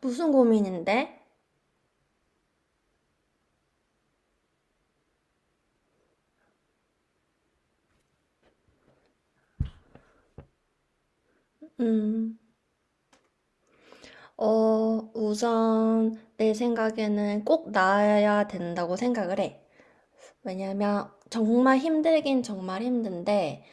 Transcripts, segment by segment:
무슨 고민인데? 음, 우선 내 생각에는 꼭 나아야 된다고 생각을 해. 왜냐면 정말 힘들긴 정말 힘든데,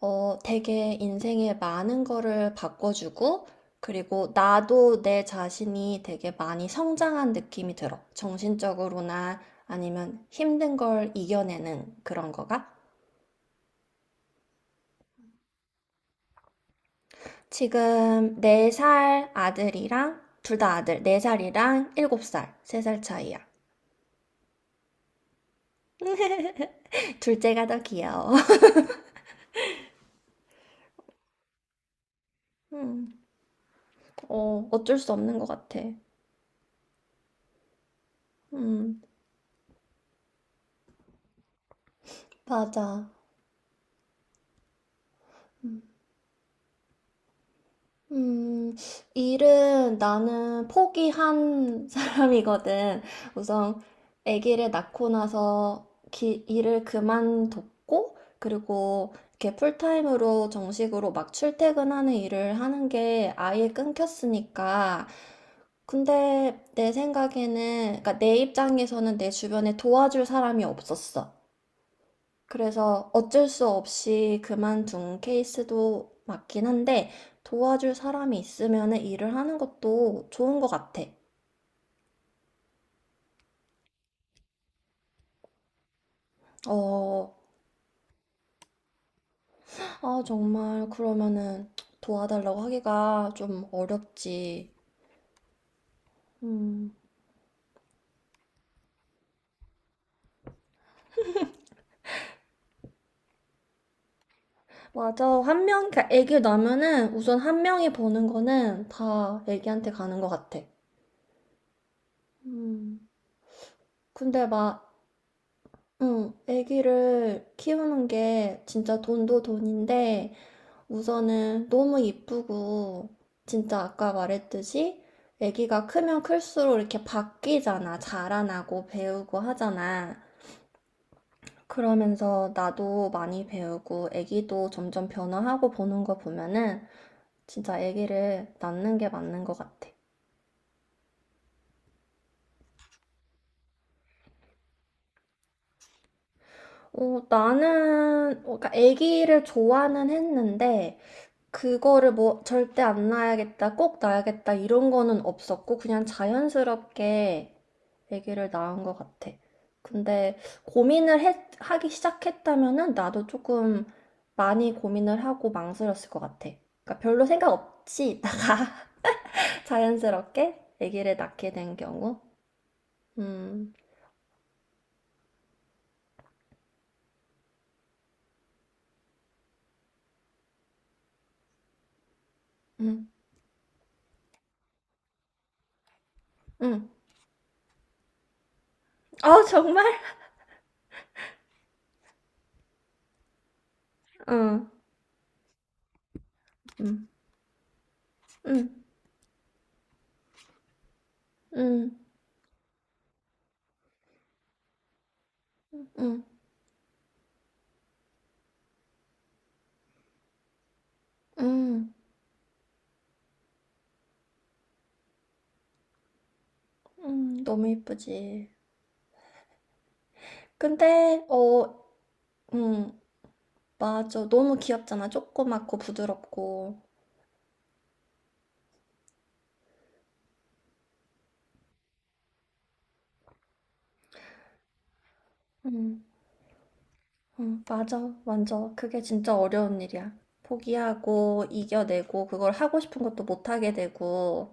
되게 인생에 많은 거를 바꿔주고, 그리고 나도 내 자신이 되게 많이 성장한 느낌이 들어. 정신적으로나 아니면 힘든 걸 이겨내는 그런 거가. 지금 4살 아들이랑, 둘 다 아들, 4살이랑 7살, 3살 차이야. 둘째가 더 귀여워. 음, 어쩔 수 없는 것 같아. 음, 맞아. 음, 일은 나는 포기한 사람이거든. 우선 아기를 낳고 나서 일을 그만뒀고, 그리고 이렇게 풀타임으로 정식으로 막 출퇴근하는 일을 하는 게 아예 끊겼으니까. 근데 내 생각에는, 그러니까 내 입장에서는 내 주변에 도와줄 사람이 없었어. 그래서 어쩔 수 없이 그만둔 케이스도 맞긴 한데 도와줄 사람이 있으면 일을 하는 것도 좋은 것 같아. 어, 정말 그러면은 도와달라고 하기가 좀 어렵지. 음, 맞아. 한 명, 그러니까 애기 나면은 우선 한 명이 버는 거는 다 애기한테 가는 것 같아. 음, 근데 막, 응, 애기를 키우는 게 진짜 돈도 돈인데 우선은 너무 이쁘고 진짜 아까 말했듯이 아기가 크면 클수록 이렇게 바뀌잖아. 자라나고 배우고 하잖아. 그러면서 나도 많이 배우고 아기도 점점 변화하고 보는 거 보면은 진짜 아기를 낳는 게 맞는 것 같아. 나는 그러니까 아기를 좋아는 했는데 그거를 뭐 절대 안 낳아야겠다, 꼭 낳아야겠다 이런 거는 없었고 그냥 자연스럽게 아기를 낳은 것 같아. 근데 고민을 하기 시작했다면은 나도 조금 많이 고민을 하고 망설였을 것 같아. 그러니까 별로 생각 없이 있다가 자연스럽게 아기를 낳게 된 경우. 음. 음. 음. 아, 정말? 응. 음. 음. 음. 음. 음. 너무 이쁘지. 근데, 어. 응, 맞아. 너무 귀엽잖아. 조그맣고 부드럽고. 응. 응, 맞아. 완전. 그게 진짜 어려운 일이야. 포기하고, 이겨내고, 그걸 하고 싶은 것도 못하게 되고.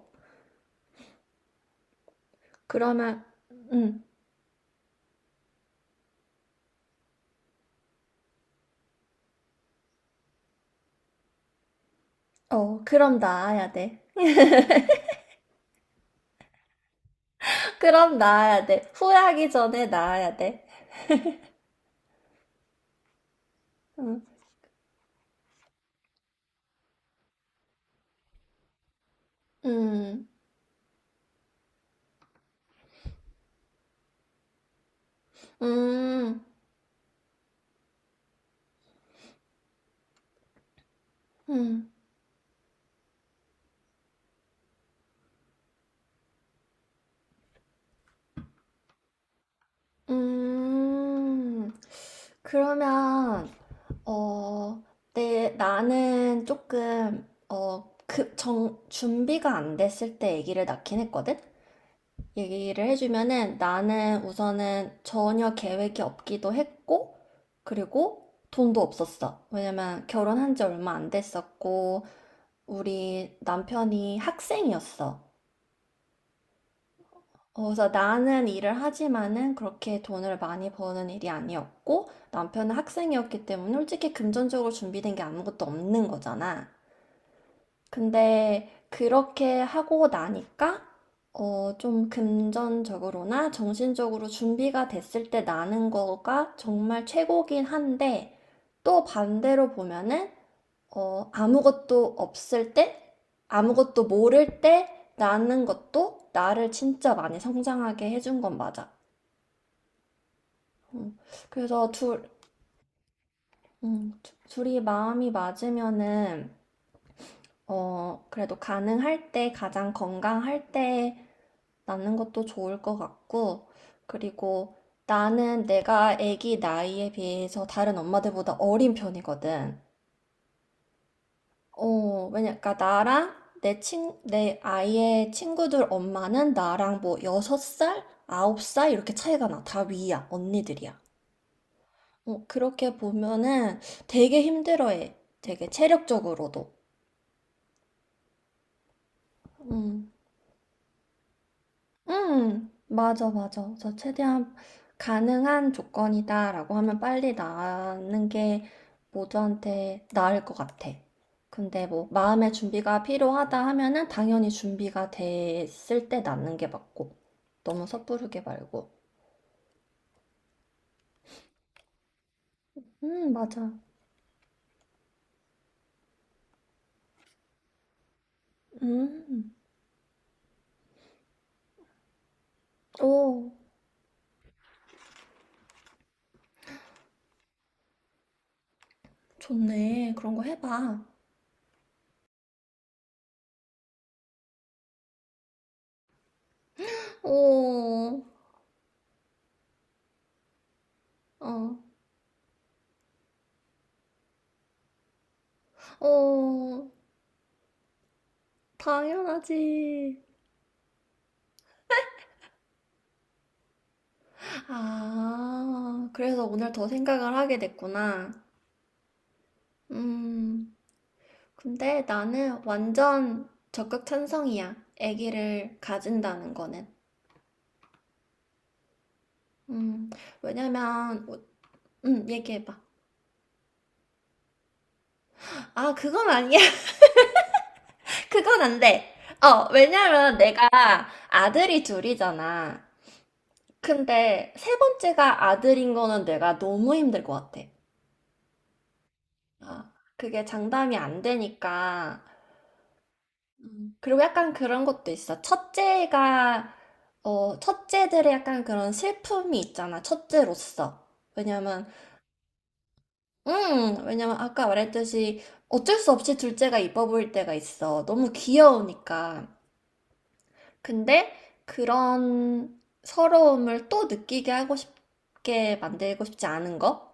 그러면, 응, 어, 그럼 나아야 돼. 그럼 나아야 돼. 후회하기 전에 나아야 돼. 응. 음. 음. 음. 음. 그러면, 어, 나는 조금, 준비가 안 됐을 때 얘기를 낳긴 했거든? 얘기를 해주면은 나는 우선은 전혀 계획이 없기도 했고, 그리고 돈도 없었어. 왜냐면 결혼한 지 얼마 안 됐었고, 우리 남편이 학생이었어. 그래서 나는 일을 하지만은 그렇게 돈을 많이 버는 일이 아니었고 남편은 학생이었기 때문에 솔직히 금전적으로 준비된 게 아무것도 없는 거잖아. 근데 그렇게 하고 나니까 좀 금전적으로나 정신적으로 준비가 됐을 때 나는 거가 정말 최고긴 한데 또 반대로 보면은 아무것도 없을 때, 아무것도 모를 때 나는 것도 나를 진짜 많이 성장하게 해준 건 맞아. 음, 그래서 둘이 마음이 맞으면은, 그래도 가능할 때, 가장 건강할 때 낳는 것도 좋을 것 같고, 그리고 나는 내가 아기 나이에 비해서 다른 엄마들보다 어린 편이거든. 그러니까 나랑 내 아이의 친구들 엄마는 나랑 뭐 여섯 살 아홉 살 이렇게 차이가 나. 다 위야, 언니들이야. 그렇게 보면은 되게 힘들어해. 되게 체력적으로도. 음. 맞아, 맞아. 그래서 최대한 가능한 조건이다라고 하면 빨리 나는 게 모두한테 나을 것 같아. 근데 뭐 마음의 준비가 필요하다 하면은 당연히 준비가 됐을 때 낳는 게 맞고. 너무 섣부르게 말고. 맞아. 음. 오, 좋네. 그런 거 해봐. 오, 어, 어, 당연하지. 아, 그래서 오늘 더 생각을 하게 됐구나. 음, 근데 나는 완전 적극 찬성이야. 아기를 가진다는 거는. 음, 왜냐면, 어, 얘기해봐. 아, 그건 아니야. 그건 안 돼. 왜냐면 내가 아들이 둘이잖아. 근데 세 번째가 아들인 거는 내가 너무 힘들 것 같아. 아, 그게 장담이 안 되니까. 그리고 약간 그런 것도 있어. 첫째가, 첫째들의 약간 그런 슬픔이 있잖아. 첫째로서. 왜냐면, 왜냐면 아까 말했듯이 어쩔 수 없이 둘째가 이뻐 보일 때가 있어. 너무 귀여우니까. 근데 그런 서러움을 또 느끼게 하고 싶게 만들고 싶지 않은 거?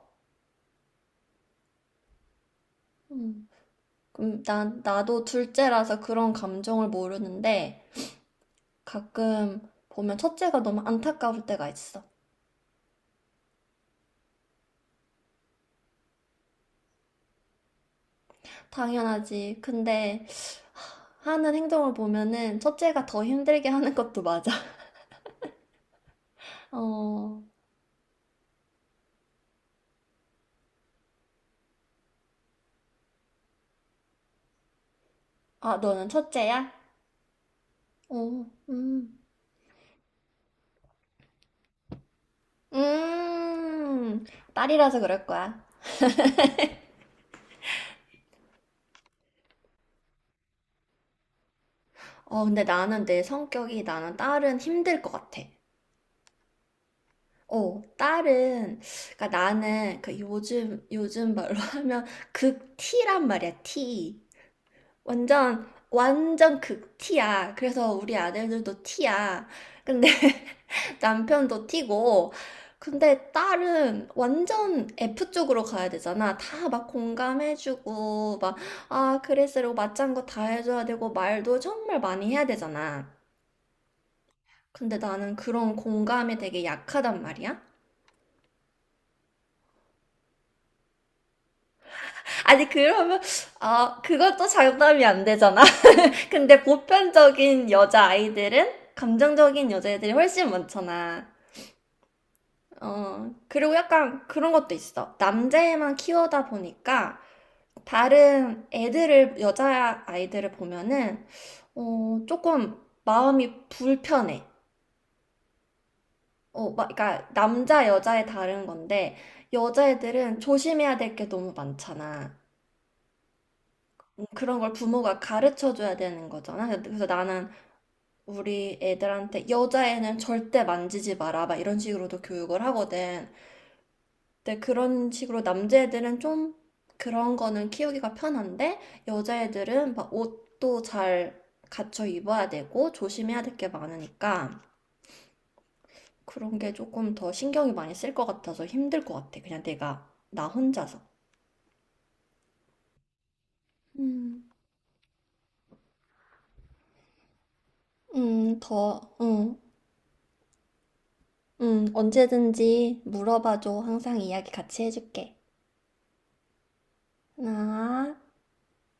음, 나도 둘째라서 그런 감정을 모르는데 가끔 보면 첫째가 너무 안타까울 때가 있어. 당연하지. 근데 하는 행동을 보면은 첫째가 더 힘들게 하는 것도 맞아. 어. 아, 너는 첫째야? 어, 음, 음, 딸이라서 그럴 거야. 근데 나는 내 성격이 나는 딸은 힘들 것 같아. 딸은, 그러니까 나는 요즘 말로 하면 극 T란 말이야, T. 완전 완전 극티야. 그래서 우리 아들들도 티야. 근데 남편도 티고. 근데 딸은 완전 F 쪽으로 가야 되잖아. 다 막 공감해주고, 막, 아, 그랬으라고 맞장구 다 해줘야 되고, 말도 정말 많이 해야 되잖아. 근데 나는 그런 공감이 되게 약하단 말이야. 아니, 그러면, 아, 그것도 장담이 안 되잖아. 근데 보편적인 여자 아이들은 감정적인 여자애들이 훨씬 많잖아. 그리고 약간 그런 것도 있어. 남자애만 키우다 보니까 다른 애들을, 여자 아이들을 보면은, 조금 마음이 불편해. 막, 그러니까 남자, 여자에 다른 건데, 여자애들은 조심해야 될 게 너무 많잖아. 그런 걸 부모가 가르쳐 줘야 되는 거잖아. 그래서 나는 우리 애들한테 여자애는 절대 만지지 마라 막 이런 식으로도 교육을 하거든. 근데 그런 식으로 남자애들은 좀 그런 거는 키우기가 편한데 여자애들은 막 옷도 잘 갖춰 입어야 되고 조심해야 될 게 많으니까 그런 게 조금 더 신경이 많이 쓸 것 같아서 힘들 것 같아. 그냥 내가 나 혼자서. 음, 더, 응, 응, 언제든지 물어봐줘. 항상 이야기 같이 해줄게. 하나,